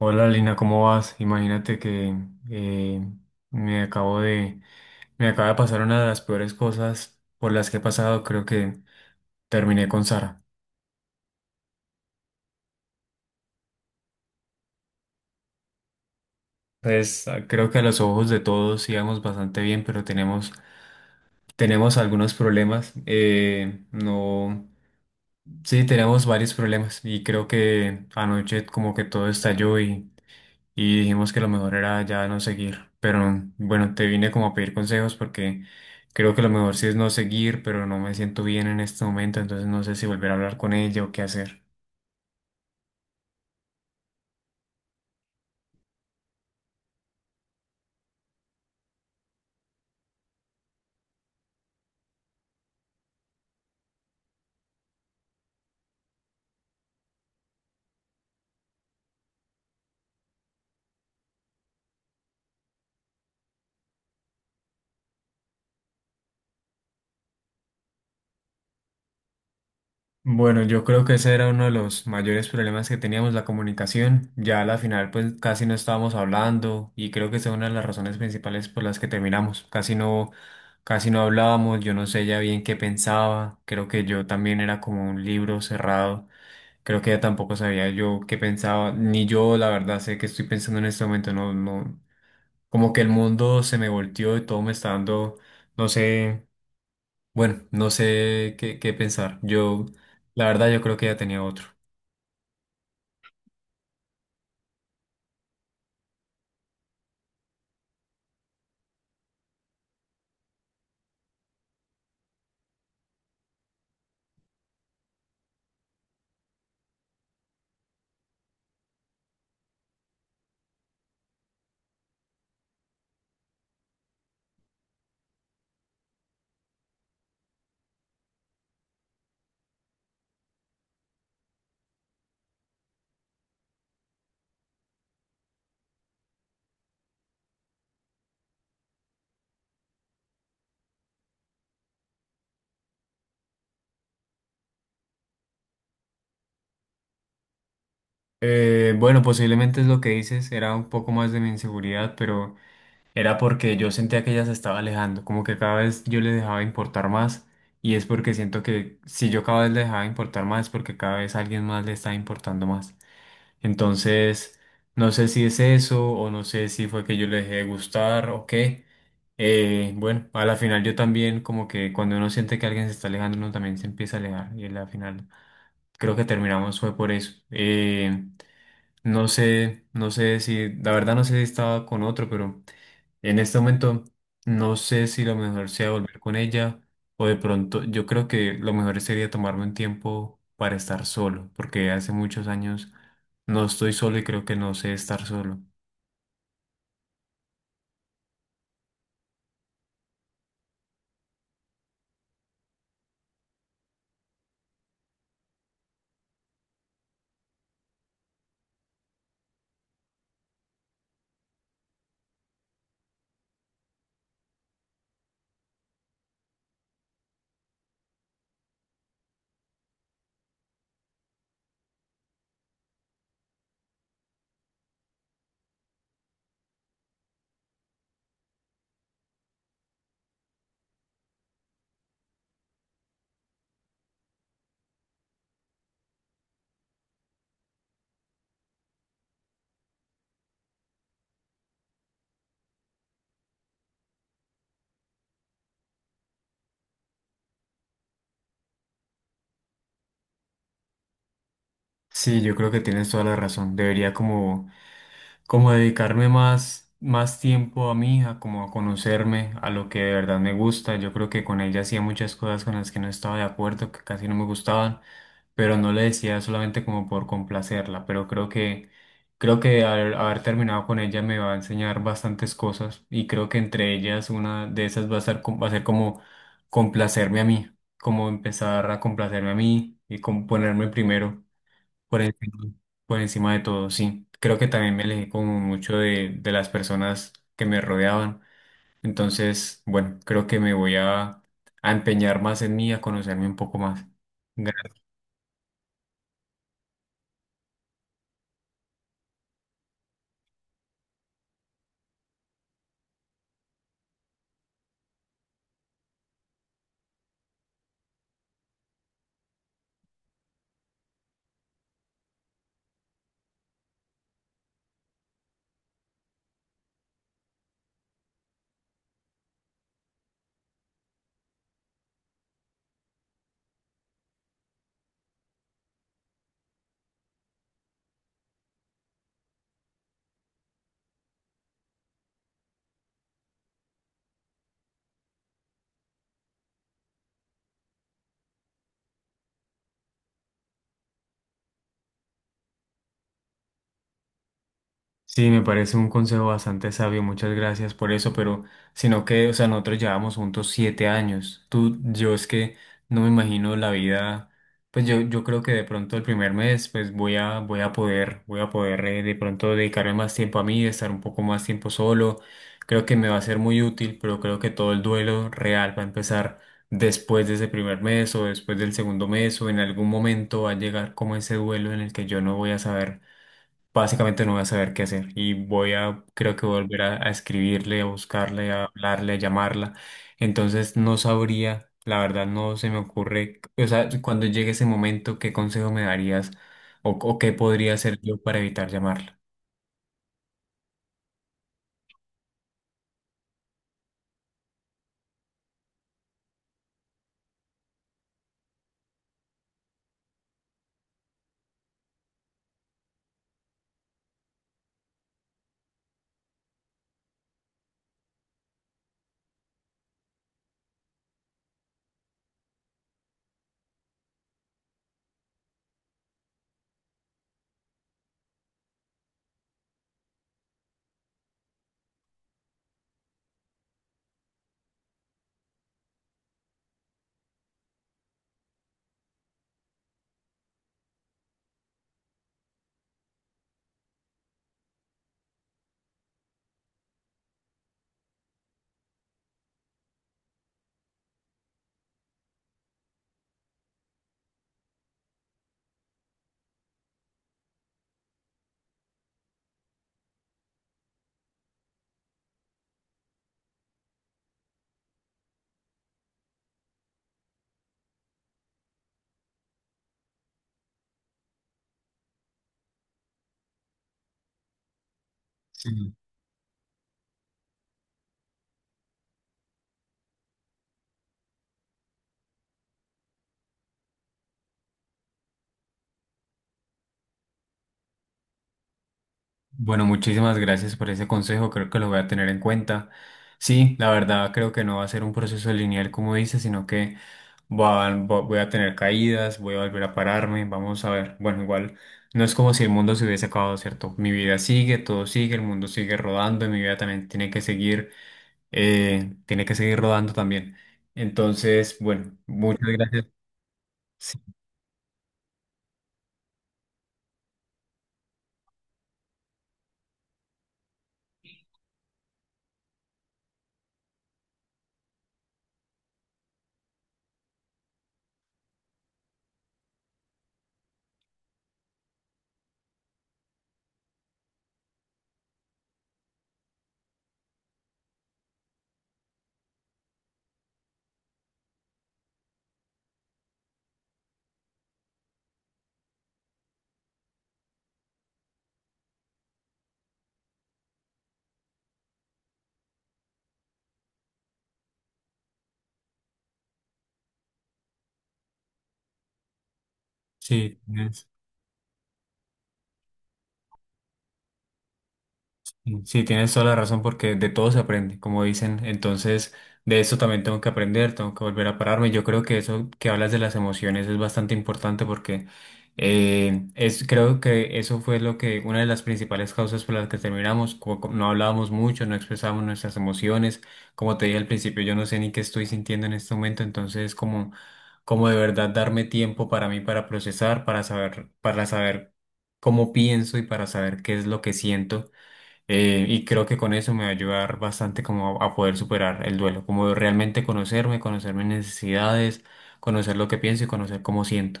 Hola Lina, ¿cómo vas? Imagínate que eh, me acabo de, me acaba de pasar una de las peores cosas por las que he pasado. Creo que terminé con Sara. Pues creo que a los ojos de todos íbamos bastante bien, pero tenemos algunos problemas. No, sí, tenemos varios problemas y creo que anoche como que todo estalló y dijimos que lo mejor era ya no seguir. Pero bueno, te vine como a pedir consejos porque creo que lo mejor sí es no seguir, pero no me siento bien en este momento, entonces no sé si volver a hablar con ella o qué hacer. Bueno, yo creo que ese era uno de los mayores problemas que teníamos, la comunicación. Ya a la final pues casi no estábamos hablando y creo que esa es una de las razones principales por las que terminamos. Casi no hablábamos, yo no sé ya bien qué pensaba, creo que yo también era como un libro cerrado. Creo que ella tampoco sabía yo qué pensaba, ni yo la verdad sé qué estoy pensando en este momento, no, como que el mundo se me volteó y todo me está dando, no sé, bueno, no sé qué pensar. Yo, la verdad, yo creo que ya tenía otro. Bueno, posiblemente es lo que dices, era un poco más de mi inseguridad, pero era porque yo sentía que ella se estaba alejando, como que cada vez yo le dejaba importar más, y es porque siento que si yo cada vez le dejaba importar más, es porque cada vez alguien más le está importando más. Entonces, no sé si es eso o no sé si fue que yo le dejé de gustar o qué. Bueno, a la final yo también como que cuando uno siente que alguien se está alejando, uno también se empieza a alejar y a la final creo que terminamos fue por eso. No sé, la verdad no sé si estaba con otro, pero en este momento no sé si lo mejor sea volver con ella o de pronto yo creo que lo mejor sería tomarme un tiempo para estar solo, porque hace muchos años no estoy solo y creo que no sé estar solo. Sí, yo creo que tienes toda la razón. Debería como dedicarme más tiempo a mi hija, como a conocerme, a lo que de verdad me gusta. Yo creo que con ella hacía muchas cosas con las que no estaba de acuerdo, que casi no me gustaban, pero no le decía solamente como por complacerla, pero creo que al haber terminado con ella me va a enseñar bastantes cosas y creo que entre ellas una de esas va a ser, va a ser como complacerme a mí, como empezar a complacerme a mí y como ponerme primero. Por encima, por encima de todo, sí. Creo que también me alejé como mucho de las personas que me rodeaban. Entonces, bueno, creo que a empeñar más en mí, a conocerme un poco más. Sí, me parece un consejo bastante sabio, muchas gracias por eso, pero sino que, o sea, nosotros llevamos juntos 7 años. Tú, yo es que no me imagino la vida, pues yo creo que de pronto el primer mes, pues voy a poder de pronto dedicarme más tiempo a mí, estar un poco más tiempo solo. Creo que me va a ser muy útil, pero creo que todo el duelo real va a empezar después de ese primer mes o después del segundo mes o en algún momento va a llegar como ese duelo en el que yo no voy a saber, básicamente no voy a saber qué hacer y creo que volver a escribirle, a buscarle, a hablarle, a llamarla. Entonces no sabría, la verdad no se me ocurre, o sea, cuando llegue ese momento, ¿qué consejo me darías o qué podría hacer yo para evitar llamarla? Sí. Bueno, muchísimas gracias por ese consejo, creo que lo voy a tener en cuenta. Sí, la verdad creo que no va a ser un proceso lineal como dices, sino que voy a tener caídas, voy a volver a pararme, vamos a ver. Bueno, igual no es como si el mundo se hubiese acabado, ¿cierto? Mi vida sigue, todo sigue, el mundo sigue rodando y mi vida también tiene que seguir rodando también. Entonces, bueno, muchas gracias. Sí, sí, tienes... Sí, sí, tienes toda la razón porque de todo se aprende, como dicen. Entonces, de eso también tengo que aprender, tengo que volver a pararme. Yo creo que eso que hablas de las emociones es bastante importante porque creo que eso fue lo que, una de las principales causas por las que terminamos, no hablábamos mucho, no expresábamos nuestras emociones. Como te dije al principio, yo no sé ni qué estoy sintiendo en este momento, como de verdad darme tiempo para mí, para procesar, para saber cómo pienso y para saber qué es lo que siento, y creo que con eso me va a ayudar bastante como a poder superar el duelo, como realmente conocerme, conocer mis necesidades, conocer lo que pienso y conocer cómo siento.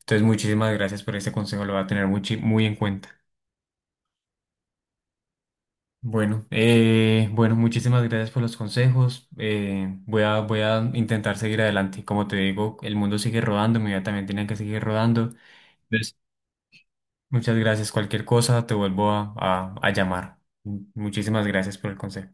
Entonces, muchísimas gracias por este consejo, lo voy a tener muy en cuenta. Bueno, bueno, muchísimas gracias por los consejos. Voy a intentar seguir adelante. Como te digo, el mundo sigue rodando, mi vida también tiene que seguir rodando. Entonces, muchas gracias. Cualquier cosa, te vuelvo a llamar. Muchísimas gracias por el consejo.